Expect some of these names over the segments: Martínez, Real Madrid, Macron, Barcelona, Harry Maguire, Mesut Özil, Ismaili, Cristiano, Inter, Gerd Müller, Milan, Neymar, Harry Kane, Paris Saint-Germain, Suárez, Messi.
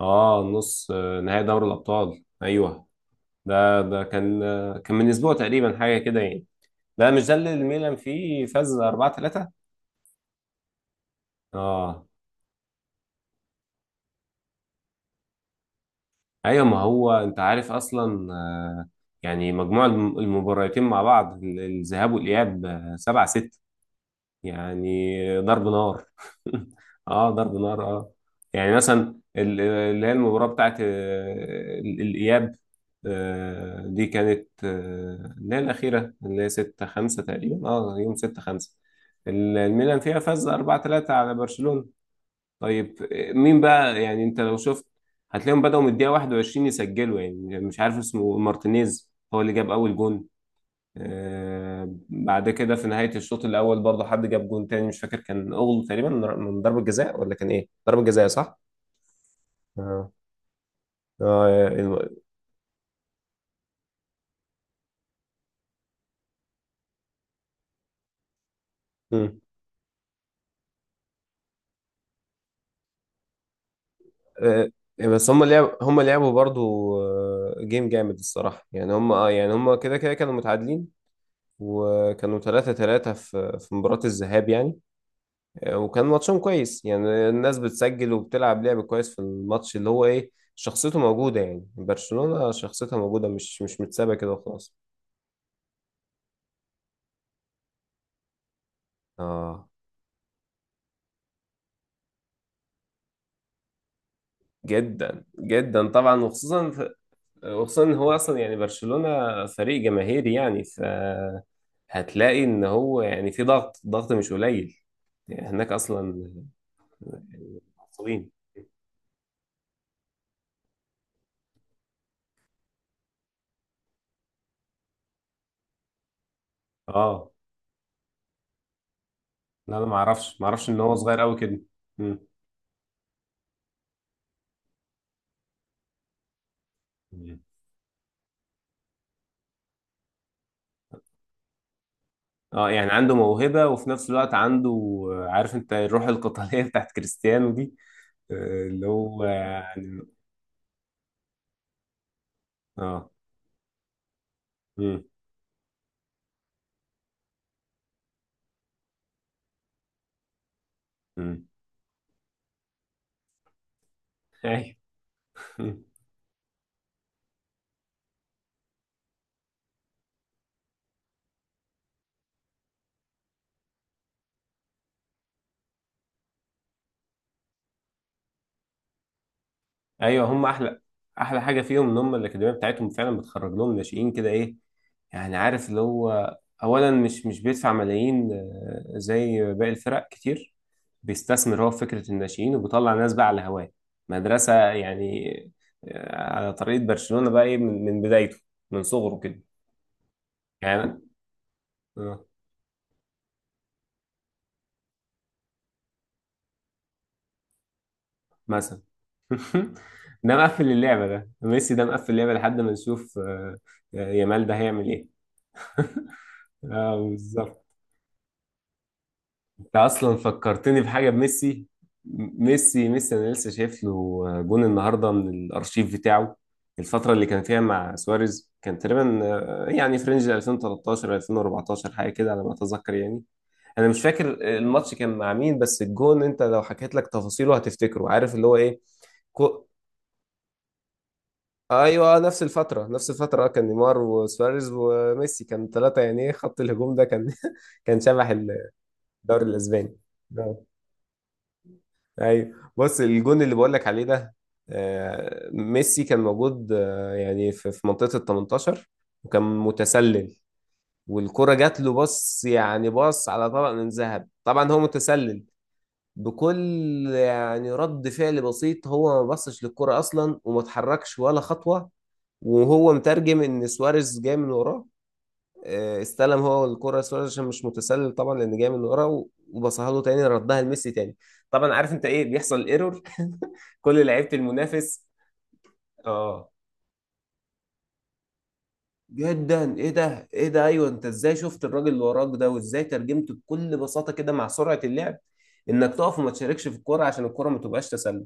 اه نص نهائي دوري الابطال، ايوه. ده كان، كان من اسبوع تقريبا حاجه كده يعني. لا، مش ده اللي الميلان فيه فاز 4-3. اه ايوه، ما هو انت عارف اصلا يعني مجموع المباراتين مع بعض، الذهاب والاياب، 7-6 يعني. ضرب نار اه ضرب نار اه. يعني مثلا اللي هي المباراة بتاعت الإياب. دي كانت اللي هي الأخيرة، اللي هي 6/5 تقريبا. اه يوم 6/5 الميلان فيها فاز 4-3 على برشلونة. طيب مين بقى؟ يعني انت لو شفت هتلاقيهم بدأوا من الدقيقة 21 يسجلوا. يعني مش عارف اسمه، مارتينيز هو اللي جاب أول جون. بعد كده في نهاية الشوط الأول برضه حد جاب جون تاني، مش فاكر، كان أغلو تقريبا، من ضربة جزاء ولا كان إيه؟ ضربة جزاء صح؟ اه اه مم. آه، بس هم لعبوا برضه جيم جامد الصراحة. يعني هم اه، يعني هم كده كده كانوا متعادلين، وكانوا 3-3 في مباراة الذهاب يعني. وكان ماتشهم كويس، يعني الناس بتسجل وبتلعب لعب كويس في الماتش، اللي هو إيه، شخصيته موجودة. يعني برشلونة شخصيتها موجودة، مش متسابة كده وخلاص. اه جدا جدا طبعا، وخصوصا وخصوصا ان هو اصلا، يعني برشلونة فريق جماهيري يعني، ف هتلاقي ان هو يعني في ضغط ضغط مش قليل يعني هناك اصلا. مصريين. اه لا، انا ما اعرفش ما اعرفش ان هو صغير قوي كده. مم. مم. اه يعني عنده موهبة، وفي نفس الوقت عنده، عارف انت، الروح القتالية بتاعت كريستيانو دي. آه، اللي هو يعني اه. امم. امم. ايوه. ايوه هم احلى، احلى حاجه فيهم ان هم الاكاديميه بتاعتهم فعلا بتخرج لهم ناشئين كده، ايه يعني، عارف اللي هو، اولا مش بيدفع ملايين زي باقي الفرق كتير. بيستثمر هو في فكره الناشئين، وبيطلع ناس بقى على هواه، مدرسه يعني. على طريقه برشلونه بقى، ايه، من بدايته، من صغره كده. يعني آه، مثلا ده مقفل اللعبه، ده ميسي ده مقفل اللعبه، لحد ما نشوف يامال ده هيعمل ايه. اه بالظبط. انت اصلا فكرتني بحاجه، بميسي. ميسي انا لسه شايف له جون النهارده من الارشيف بتاعه. الفتره اللي كان فيها مع سواريز، كان تقريبا يعني فرنج 2013/2014 حاجه كده على ما اتذكر يعني. انا مش فاكر الماتش كان مع مين، بس الجون انت لو حكيت لك تفاصيله هتفتكره، عارف اللي هو ايه. كو... ايوه، نفس الفتره نفس الفتره. كان نيمار وسواريز وميسي، كان ثلاثه يعني، إيه، خط الهجوم ده كان كان شبح الدوري الاسباني. ايوه، بص، الجون اللي بقول لك عليه ده ميسي كان موجود يعني في منطقة ال 18، وكان متسلل، والكرة جات له، بص يعني، بص على طبق من ذهب. طبعا هو متسلل، بكل، يعني رد فعل بسيط، هو ما بصش للكرة اصلا، وما اتحركش ولا خطوة، وهو مترجم ان سواريز جاي من وراه. استلم هو الكرة سواريز عشان مش متسلل طبعا لان جاي من ورا، وبصها له تاني، ردها لميسي تاني. طبعا عارف انت ايه بيحصل، ايرور كل لعيبة المنافس. اه جدا، ايه ده، ايه ده، ايوه. انت ازاي شفت الراجل اللي وراك ده؟ وازاي ترجمته بكل بساطة كده مع سرعة اللعب، انك تقف وما تشاركش في الكرة عشان الكرة ما تبقاش تسلل؟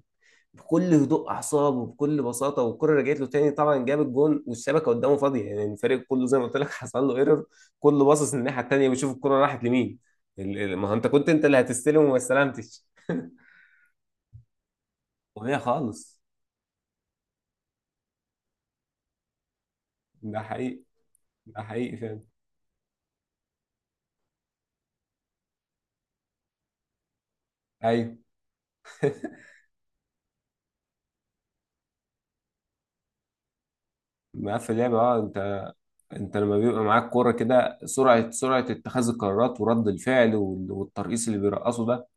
بكل هدوء اعصاب وبكل بساطه، والكره رجعت له تاني، طبعا جاب الجون والشبكه قدامه فاضيه، يعني الفريق كله زي ما قلت لك حصل له ايرور، كله باصص الناحيه التانيه بيشوف الكره راحت لمين. ما هو انت كنت انت اللي هتستلم وما استلمتش. وهي خالص، ده حقيقي، ده حقيقي فعلا. ايوه، مقفل لعبه اه. انت، انت لما بيبقى معاك كوره كده، سرعه اتخاذ القرارات، ورد الفعل، والترقيص اللي بيرقصوا ده،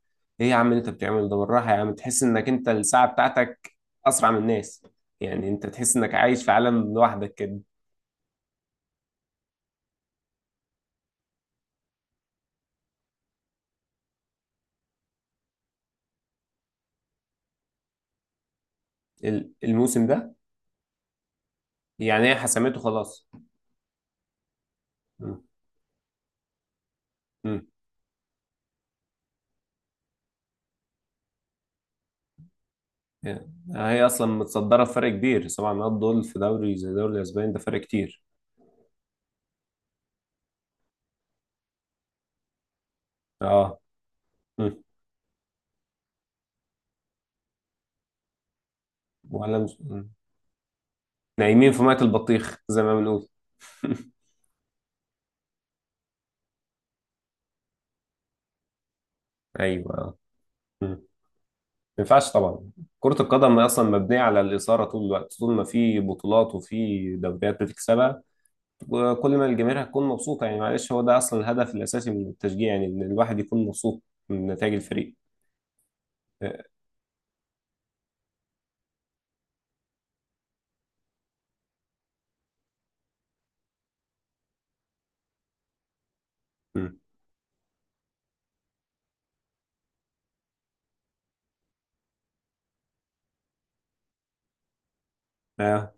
ايه يا عم اللي انت بتعمله ده؟ بالراحه يا عم، تحس انك انت الساعه بتاعتك اسرع من الناس، يعني انت تحس انك عايش في عالم لوحدك كده. الموسم ده، يعني هي حسمته خلاص. مم. مم. يعني هي اصلا متصدره بفرق كبير، سبع نقاط دول في دوري زي دوري الاسباني ده فرق كتير. اه. مم. ولا مش... مم. نايمين في ميه البطيخ زي ما بنقول. ايوه، ما ينفعش طبعا. كرة القدم أصلا مبنية على الإثارة طول الوقت، طول ما في بطولات وفي دوريات بتكسبها، وكل ما الجماهير هتكون مبسوطة. يعني معلش، هو ده أصلا الهدف الأساسي من التشجيع، يعني إن الواحد يكون مبسوط من نتائج الفريق. آه، مم. أه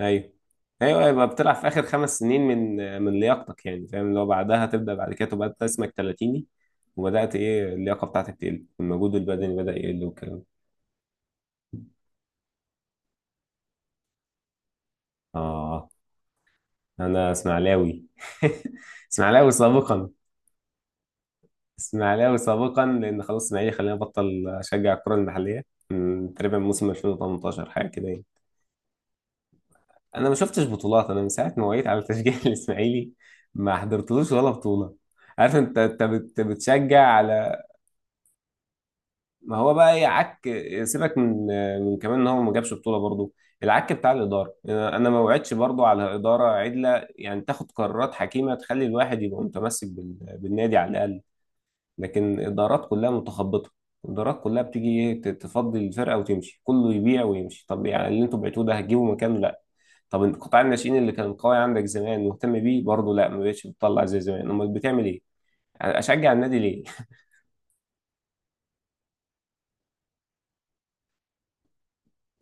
أيوه، أيوه أيوه، يبقى بتلعب في آخر خمس سنين من لياقتك، يعني فاهم، لو بعدها تبدأ، بعد كده تبقى أنت اسمك تلاتيني، وبدأت، إيه، اللياقة بتاعتك تقل، المجهود البدني بدأ يقل، والكلام ده. آه أنا إسماعيلاوي. إسماعيلاوي سابقا. اسماعيلاوي سابقا، لان خلاص اسماعيلي، خلينا بطل اشجع الكره المحليه من تقريبا موسم 2018 حاجه كده يعني. انا ما شفتش بطولات، انا من ساعه ما وعيت على تشجيع الاسماعيلي ما حضرتلوش ولا بطوله. عارف انت، انت بتشجع على، ما هو بقى ايه، عك، سيبك من، كمان ان هو ما جابش بطوله برضه، العك بتاع الاداره. انا أنا ما وعدتش برضه على اداره عدله، يعني تاخد قرارات حكيمه تخلي الواحد يبقى متمسك بالنادي على الاقل. لكن الادارات كلها متخبطه، الادارات كلها بتيجي، ايه، تفضي الفرقه وتمشي، كله يبيع ويمشي. طب يعني اللي انتوا بعتوه ده هتجيبوا مكانه؟ لا. طب القطاع، الناشئين اللي كان قوي عندك زمان مهتم بيه برضه؟ لا، ما بقتش بتطلع زي زمان. امال بتعمل ايه؟ اشجع النادي ليه؟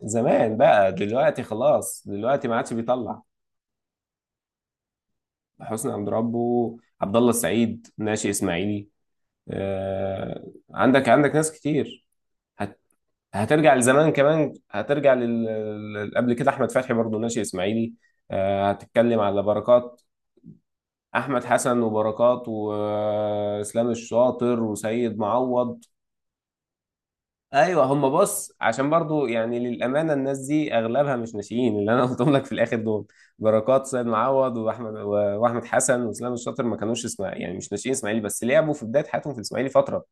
زمان بقى، دلوقتي خلاص، دلوقتي ما عادش بيطلع. حسني عبد ربه، عبد الله السعيد، ناشئ اسماعيلي. آه. عندك، عندك ناس كتير، هت هترجع لزمان كمان، هترجع قبل كده احمد فتحي برضه ناشئ اسماعيلي. هتتكلم على بركات، احمد حسن وبركات واسلام الشاطر وسيد معوض. ايوه، هم، بص، عشان برضه يعني، للامانه الناس دي اغلبها مش ناشئين، اللي انا قلتهم لك في الاخر دول، بركات، سيد معوض، واحمد حسن واسلام الشاطر، ما كانوش، اسمع يعني، مش ناشئين اسماعيلي، بس لعبوا في بدايه حياتهم في الاسماعيلي فتره.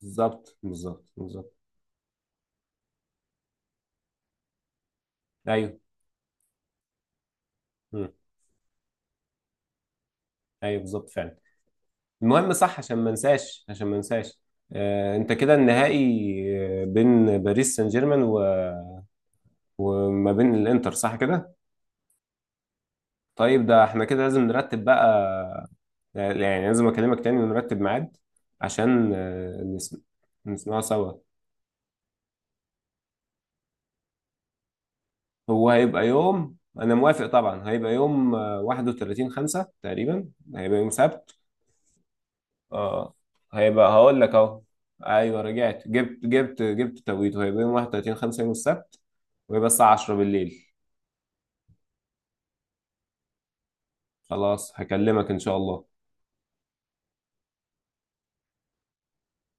بالظبط بالظبط بالظبط. ايوه. مم. ايوه بالظبط فعلا. المهم، صح، عشان ما انساش عشان ما انساش، انت كده النهائي بين باريس سان جيرمان وما بين الانتر، صح كده؟ طيب ده احنا كده لازم نرتب بقى يعني لازم اكلمك تاني ونرتب ميعاد عشان نسمعه سوا. هو هيبقى يوم، انا موافق طبعا، هيبقى يوم 31/5 تقريبا، هيبقى يوم سبت. اه هيبقى، هقول لك اهو، ايوه رجعت، جبت توقيته، هيبقى يوم 31/5 يوم السبت، ويبقى الساعة 10 بالليل. خلاص هكلمك ان شاء الله.